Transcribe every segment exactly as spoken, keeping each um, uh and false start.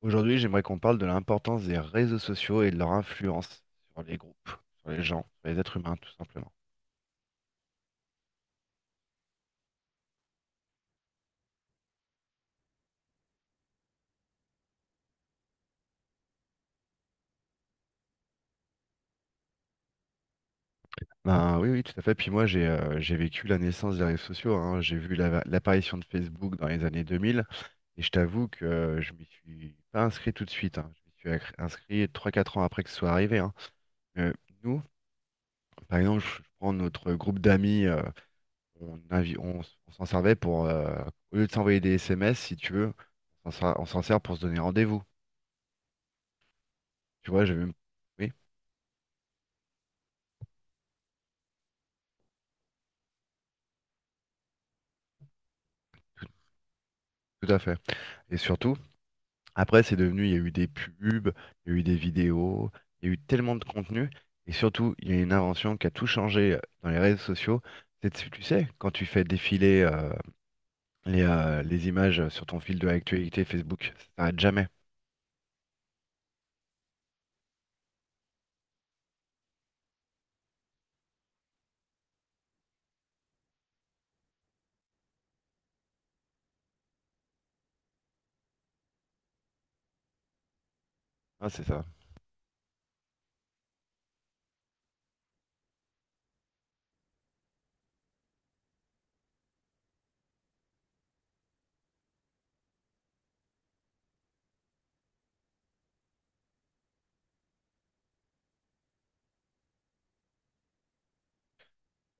Aujourd'hui, j'aimerais qu'on parle de l'importance des réseaux sociaux et de leur influence sur les groupes, sur les gens, sur les êtres humains, tout simplement. Ben oui, oui, tout à fait. Puis moi, j'ai euh, j'ai vécu la naissance des réseaux sociaux, hein. J'ai vu la- l'apparition de Facebook dans les années deux mille. Et je t'avoue que euh, je m'y suis pas inscrit tout de suite, hein. Je m'y suis ac- inscrit trois quatre ans après que ce soit arrivé, hein. Euh, Nous, par exemple, je je prends notre groupe d'amis. euh, on invi- on s- on s'en servait pour... euh, au lieu de s'envoyer des S M S, si tu veux, on s'en on s'en sert pour se donner rendez-vous. Tu vois, j'ai même. Oui, tout à fait. Et surtout, après, c'est devenu, il y a eu des pubs, il y a eu des vidéos, il y a eu tellement de contenu. Et surtout, il y a une invention qui a tout changé euh, dans les réseaux sociaux. C'est, tu tu sais, quand tu fais défiler euh, les, euh, les images sur ton fil de l'actualité Facebook, ça s'arrête jamais. Ah, c'est ça.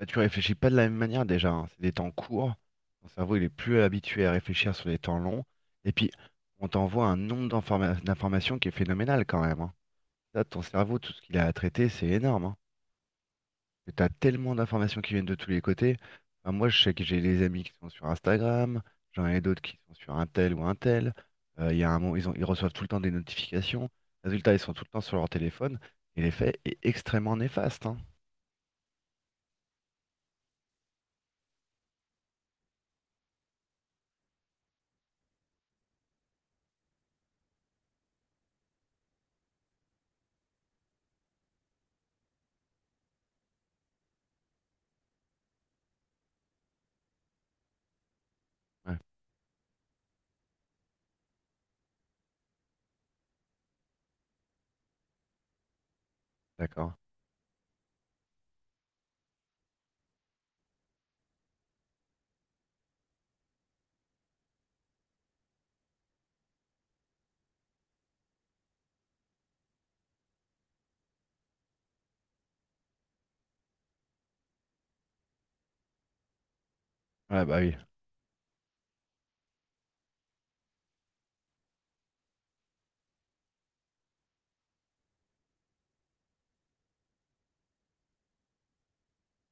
Bah, tu réfléchis pas de la même manière déjà, hein. C'est des temps courts. Ton cerveau, il est plus habitué à réfléchir sur des temps longs. Et puis, on t'envoie un nombre d'informa- d'informations qui est phénoménal quand même, hein. Là, ton cerveau, tout ce qu'il a à traiter, c'est énorme, hein. Tu as tellement d'informations qui viennent de tous les côtés. Enfin, moi, je sais que j'ai des amis qui sont sur Instagram, j'en ai d'autres qui sont sur un tel ou un tel. Euh, il y a un moment, ils ont, ils reçoivent tout le temps des notifications. Résultat, ils sont tout le temps sur leur téléphone. Et l'effet est extrêmement néfaste, hein. Ouais, d'accord. Ouais, bah oui.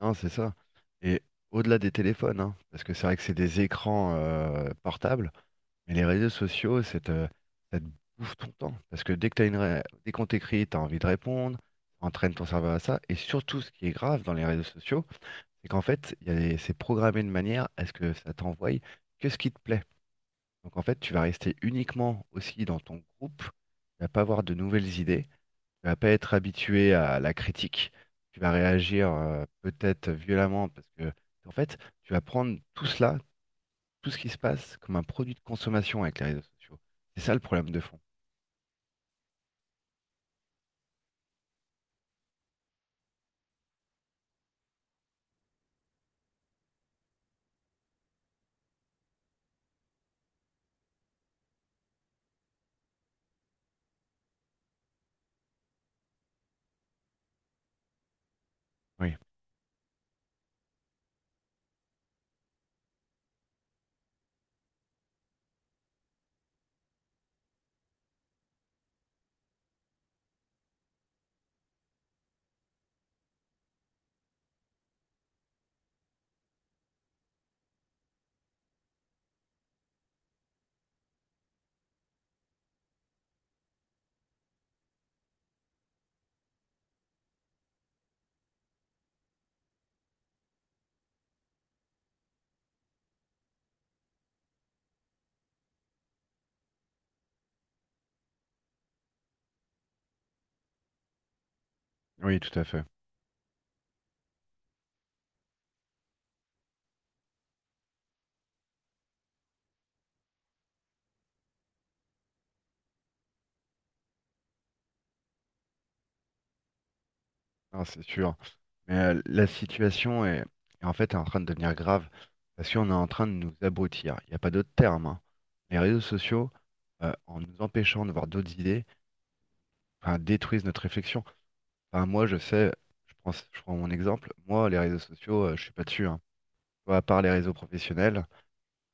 Non, c'est ça. Et au-delà des téléphones, hein, parce que c'est vrai que c'est des écrans euh, portables. Mais les réseaux sociaux, c'est te- ça te bouffe ton temps. Parce que dès que t'as une ré- dès qu'on t'écrit, tu as envie de répondre, ça entraîne ton cerveau à ça. Et surtout, ce qui est grave dans les réseaux sociaux, c'est qu'en fait, il y a des- c'est programmé de manière à ce que ça t'envoie que ce qui te plaît. Donc en fait, tu vas rester uniquement aussi dans ton groupe, tu vas pas avoir de nouvelles idées, tu vas pas être habitué à la critique, tu vas réagir euh, peut-être violemment parce que en fait, tu vas prendre tout cela, tout ce qui se passe comme un produit de consommation avec les réseaux sociaux. C'est ça le problème de fond. Oui, oui, tout à fait. Non, c'est sûr. Mais euh, la situation est, est en fait en train de devenir grave parce qu'on est en train de nous abrutir. Il n'y a pas d'autre terme, hein. Les réseaux sociaux, euh, en nous empêchant de voir d'autres idées, enfin, détruisent notre réflexion. Enfin, moi, je sais, je prends, je prends mon exemple. Moi, les réseaux sociaux, euh, je suis pas dessus, hein. Tu vois, à part les réseaux professionnels,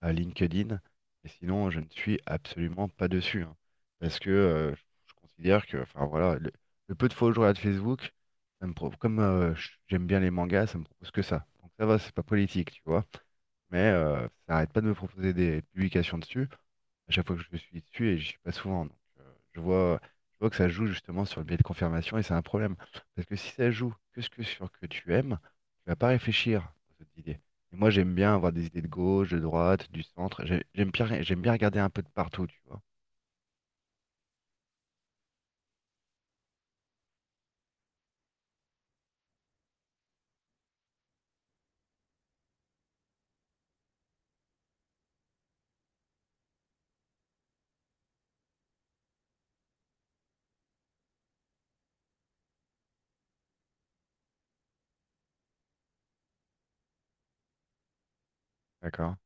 à LinkedIn. Et sinon, je ne suis absolument pas dessus, hein. parce que euh, je je considère que, enfin voilà, le, le peu de fois où je regarde Facebook, ça me pro- comme euh, je- j'aime bien les mangas, ça me propose que ça. Donc ça va, c'est pas politique, tu vois, mais euh, ça n'arrête pas de me proposer des publications dessus. À chaque fois que je suis dessus, et je suis pas souvent, donc euh, je vois, je vois que ça joue justement sur le biais de confirmation, et c'est un problème. Parce que si ça joue que ce que sur que tu aimes, tu vas pas réfléchir aux autres idées. Et moi, j'aime bien avoir des idées de gauche, de droite, du centre. J'ai- J'aime bien, j'aime bien regarder un peu de partout, tu vois. D'accord.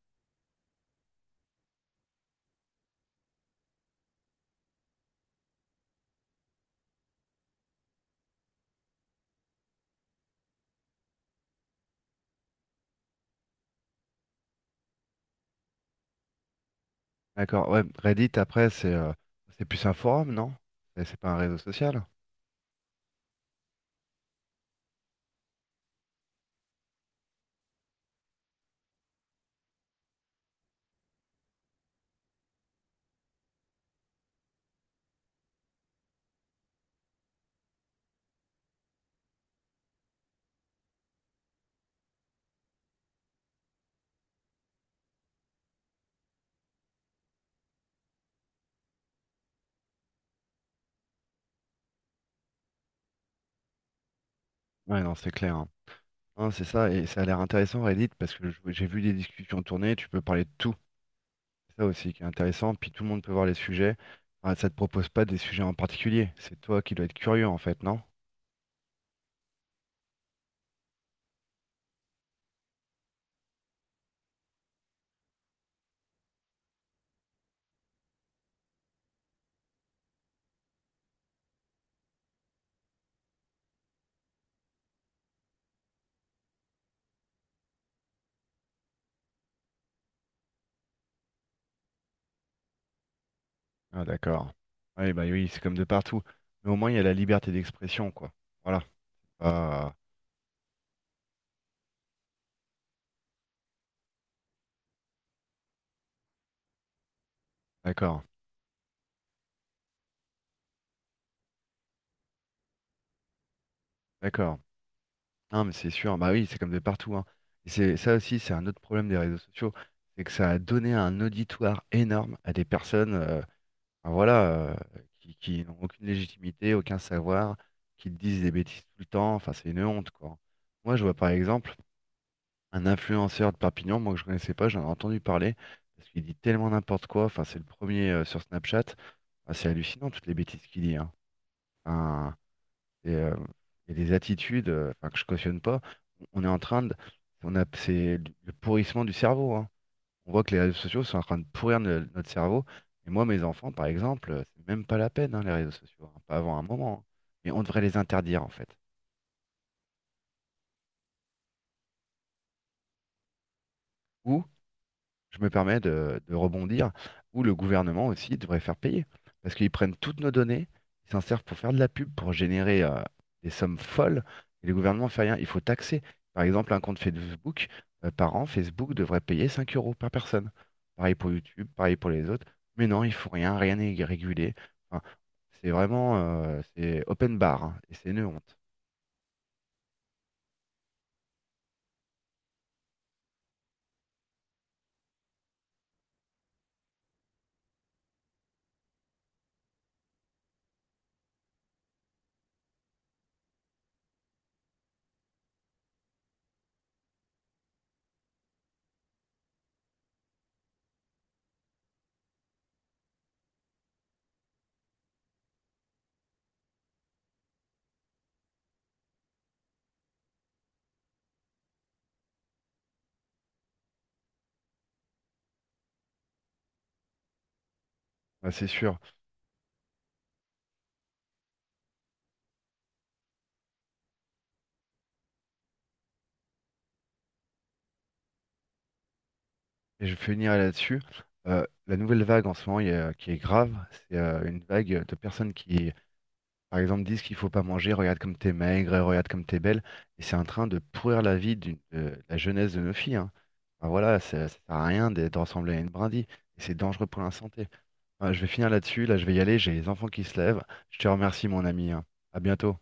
D'accord. Ouais, Reddit, après, c'est euh, c'est plus un forum, non? C'est c'est pas un réseau social? Ouais, non, c'est clair. Hein, c'est ça, et ça a l'air intéressant Reddit parce que je- j'ai vu des discussions tourner, tu peux parler de tout. C'est ça aussi qui est intéressant, puis tout le monde peut voir les sujets. Ah, ça te propose pas des sujets en particulier, c'est toi qui dois être curieux en fait, non? Ah d'accord. Oui, bah oui, c'est comme de partout. Mais au moins il y a la liberté d'expression, quoi. Voilà. Ah, d'accord, d'accord. Non mais c'est sûr, bah oui, c'est comme de partout, hein. Et c'est ça aussi, c'est un autre problème des réseaux sociaux, c'est que ça a donné un auditoire énorme à des personnes. euh, Enfin, voilà, euh, qui, qui n'ont aucune légitimité, aucun savoir, qui te disent des bêtises tout le temps. Enfin, c'est une honte, quoi. Moi, je vois par exemple un influenceur de Perpignan, moi que je connaissais pas, j'en ai entendu parler, parce qu'il dit tellement n'importe quoi. Enfin, c'est le premier euh, sur Snapchat. Enfin, c'est hallucinant toutes les bêtises qu'il dit, hein. Enfin, et, euh, il des attitudes euh, enfin, que je cautionne pas. On est en train de, on a, c'est le pourrissement du cerveau, hein. On voit que les réseaux sociaux sont en train de pourrir no- notre cerveau. Et moi, mes enfants, par exemple, euh, c'est même pas la peine, hein, les réseaux sociaux, hein, pas avant un moment, hein. Mais on devrait les interdire, en fait. Ou je me permets de, de rebondir, où le gouvernement aussi devrait faire payer. Parce qu'ils prennent toutes nos données, ils s'en servent pour faire de la pub, pour générer euh, des sommes folles, et le gouvernement ne fait rien. Il faut taxer. Par exemple, un compte Facebook, euh, par an, Facebook devrait payer cinq euros par personne. Pareil pour YouTube, pareil pour les autres. Mais non, il faut rien, rien n'est régulé. Enfin, c'est vraiment, euh, c'est open bar, hein, et c'est une honte. Ouais, c'est sûr. Et je finirai là-dessus. Euh, la nouvelle vague en ce moment il y a- qui est grave, c'est euh, une vague de personnes qui, par exemple, disent qu'il faut pas manger, regarde comme t'es maigre, regarde comme t'es belle. Et c'est en train de pourrir la vie d'une- de la jeunesse de nos filles, hein. Enfin, voilà, ça, ça sert à rien d'être de ressembler à une brindille. Et c'est dangereux pour la santé. Enfin, je vais finir là-dessus. Là, je vais y aller. J'ai les enfants qui se lèvent. Je te remercie, mon ami, hein. À bientôt.